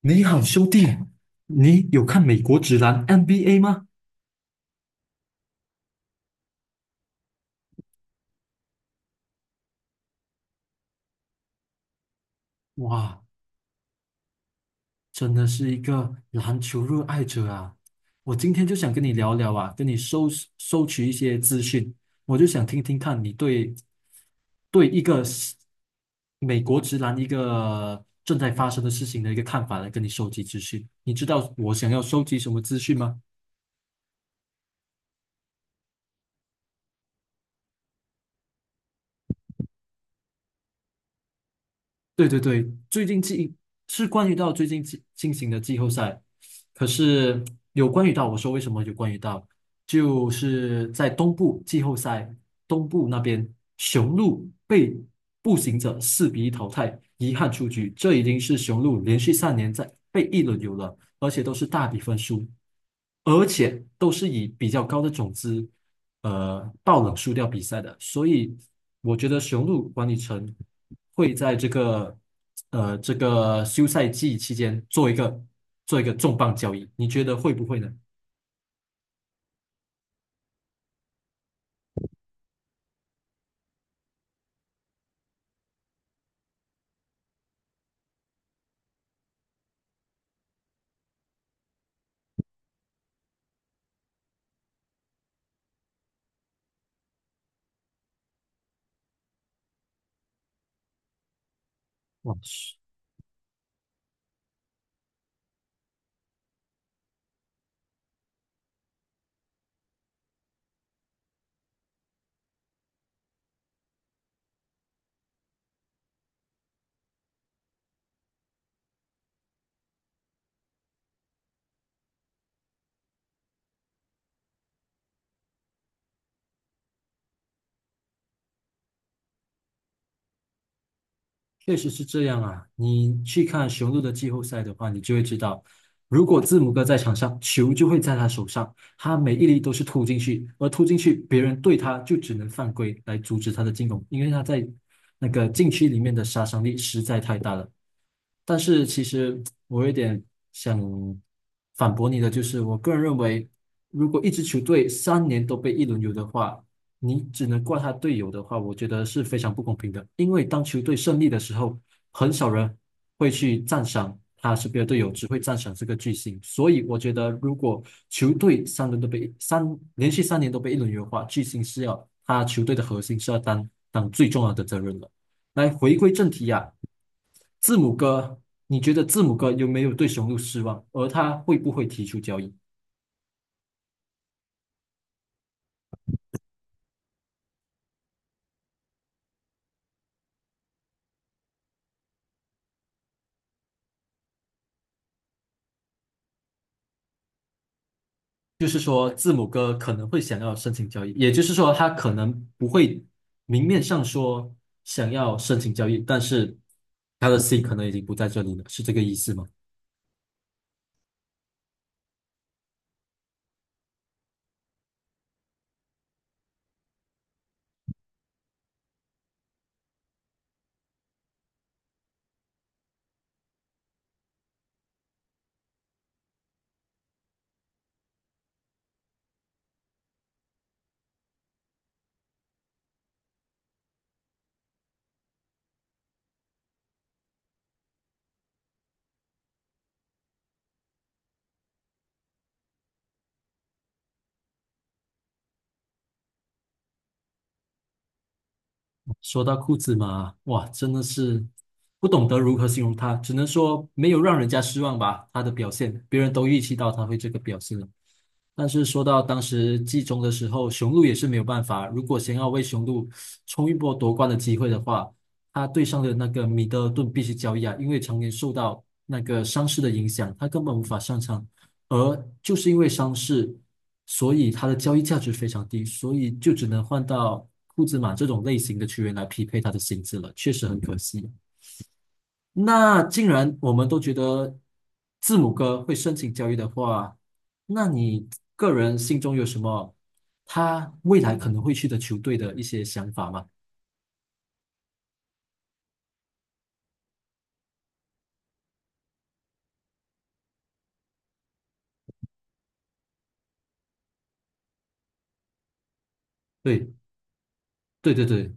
你好，兄弟，你有看美国职篮 NBA 吗？哇，真的是一个篮球热爱者啊！我今天就想跟你聊聊啊，跟你收取一些资讯，我就想听听看你对一个是美国职篮一个正在发生的事情的一个看法，来跟你收集资讯。你知道我想要收集什么资讯吗？对对对，最近季是关于到最近进行的季后赛，可是有关于到我说为什么有关于到，就是在东部季后赛东部那边，雄鹿被步行者4-1淘汰，遗憾出局，这已经是雄鹿连续三年在被一轮游了，而且都是大比分输，而且都是以比较高的种子，爆冷输掉比赛的，所以我觉得雄鹿管理层会在这个这个休赛季期间做一个重磅交易，你觉得会不会呢？哇，确实是这样啊，你去看雄鹿的季后赛的话，你就会知道，如果字母哥在场上，球就会在他手上，他每一粒都是突进去，而突进去，别人对他就只能犯规来阻止他的进攻，因为他在那个禁区里面的杀伤力实在太大了。但是其实我有点想反驳你的，就是我个人认为，如果一支球队三年都被一轮游的话，你只能怪他队友的话，我觉得是非常不公平的。因为当球队胜利的时候，很少人会去赞赏他身边的队友，只会赞赏这个巨星。所以我觉得，如果球队三轮都被三连续三年都被一轮优化，巨星是要他球队的核心是要担当最重要的责任了。来回归正题呀、字母哥，你觉得字母哥有没有对雄鹿失望？而他会不会提出交易？就是说字母哥可能会想要申请交易，也就是说他可能不会明面上说想要申请交易，但是他的心可能已经不在这里了，是这个意思吗？说到库兹马，哇，真的是不懂得如何形容他，只能说没有让人家失望吧，他的表现，别人都预期到他会这个表现了。但是说到当时季中的时候，雄鹿也是没有办法。如果想要为雄鹿冲一波夺冠的机会的话，他对上的那个米德尔顿必须交易啊，因为常年受到那个伤势的影响，他根本无法上场。而就是因为伤势，所以他的交易价值非常低，所以就只能换到库兹马这种类型的球员来匹配他的薪资了，确实很可惜啊。那既然我们都觉得字母哥会申请交易的话，那你个人心中有什么他未来可能会去的球队的一些想法吗？对，对对对。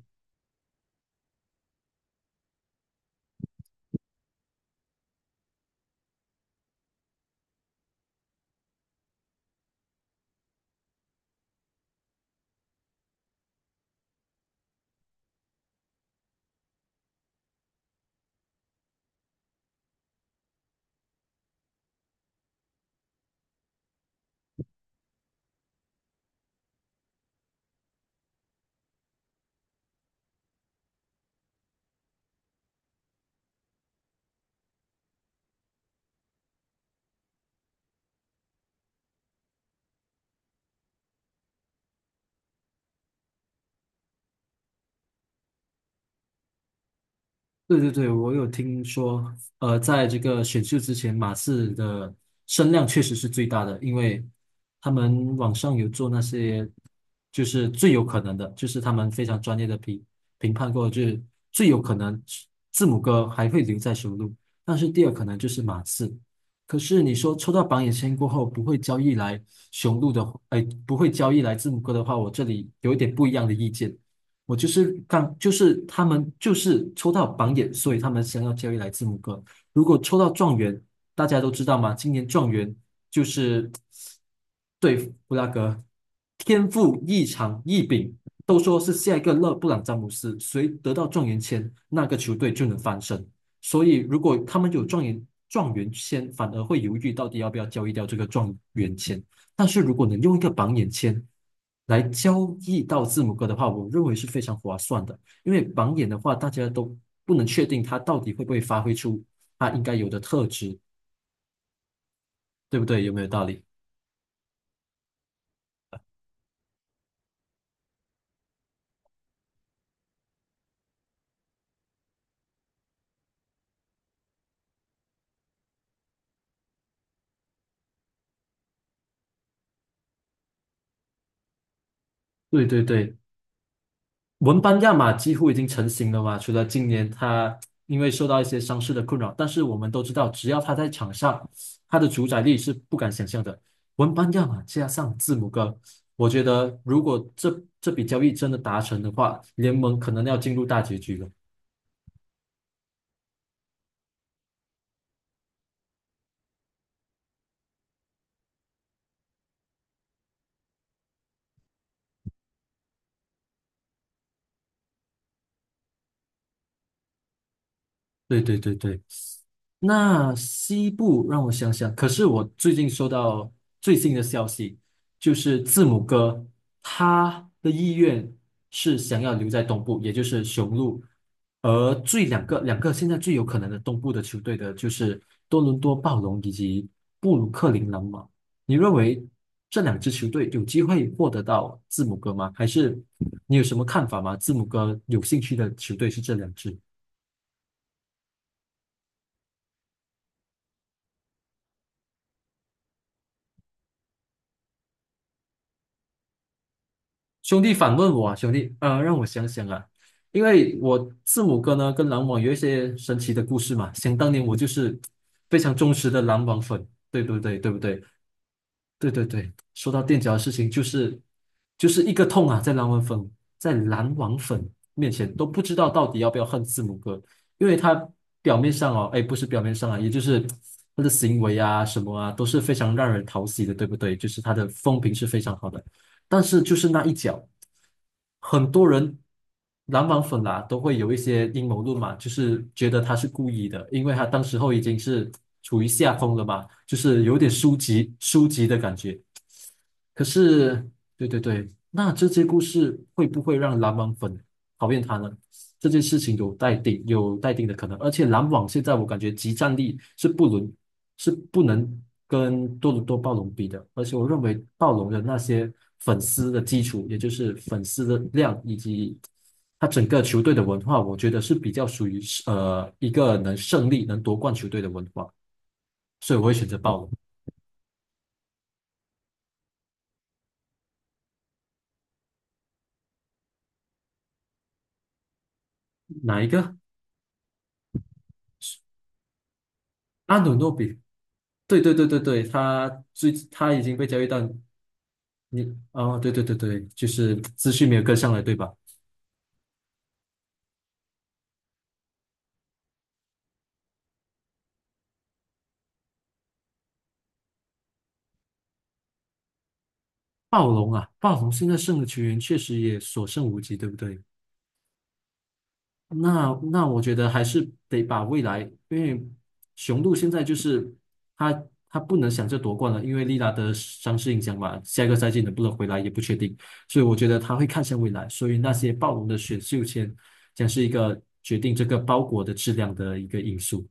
对对对，我有听说，在这个选秀之前，马刺的声量确实是最大的，因为他们网上有做那些，就是最有可能的，就是他们非常专业的评判过，就是最有可能字母哥还会留在雄鹿，但是第二可能就是马刺。可是你说抽到榜眼签过后不会交易来雄鹿的，哎，不会交易来字母哥的话，我这里有一点不一样的意见。我就是刚，就是他们就是抽到榜眼，所以他们想要交易来字母哥。如果抽到状元，大家都知道嘛，今年状元就是对布拉格天赋异常异禀，都说是下一个勒布朗詹姆斯，谁得到状元签，那个球队就能翻身。所以如果他们有状元签，反而会犹豫到底要不要交易掉这个状元签。但是如果能用一个榜眼签来交易到字母哥的话，我认为是非常划算的。因为榜眼的话，大家都不能确定他到底会不会发挥出他应该有的特质，对不对？有没有道理？对对对，文班亚马几乎已经成型了嘛，除了今年他因为受到一些伤势的困扰，但是我们都知道，只要他在场上，他的主宰力是不敢想象的。文班亚马加上字母哥，我觉得如果这笔交易真的达成的话，联盟可能要进入大结局了。对对对对。那西部让我想想，可是我最近收到最新的消息，就是字母哥他的意愿是想要留在东部，也就是雄鹿，而最两个现在最有可能的东部的球队的就是多伦多暴龙以及布鲁克林篮网。你认为这两支球队有机会获得到字母哥吗？还是你有什么看法吗？字母哥有兴趣的球队是这两支。兄弟反问我啊，兄弟，让我想想啊，因为我字母哥呢跟篮网有一些神奇的故事嘛。想当年我就是非常忠实的篮网粉，对不对？对不对？对对对。说到垫脚的事情，就是一个痛啊，在篮网粉面前都不知道到底要不要恨字母哥，因为他表面上哦，哎，不是表面上啊，也就是他的行为啊什么啊，都是非常让人讨喜的，对不对？就是他的风评是非常好的。但是就是那一脚，很多人篮网粉啊都会有一些阴谋论嘛，就是觉得他是故意的，因为他当时候已经是处于下风了嘛，就是有点输急的感觉。可是，对对对，那这些故事会不会让篮网粉讨厌他呢？这件事情有待定，有待定的可能。而且篮网现在我感觉集战力是不能跟多伦多暴龙比的。而且我认为暴龙的那些粉丝的基础，也就是粉丝的量以及他整个球队的文化，我觉得是比较属于一个能胜利、能夺冠球队的文化，所以我会选择暴龙。哪一个？阿努诺比。对对对对对，他已经被交易到你哦，对对对对，就是资讯没有跟上来，对吧？暴龙啊，暴龙现在剩的球员确实也所剩无几，对不对？那那我觉得还是得把未来，因为雄鹿现在就是他他不能想着夺冠了，因为利拉德伤势影响嘛，下一个赛季能不能回来也不确定，所以我觉得他会看向未来，所以那些暴龙的选秀签将是一个决定这个包裹的质量的一个因素。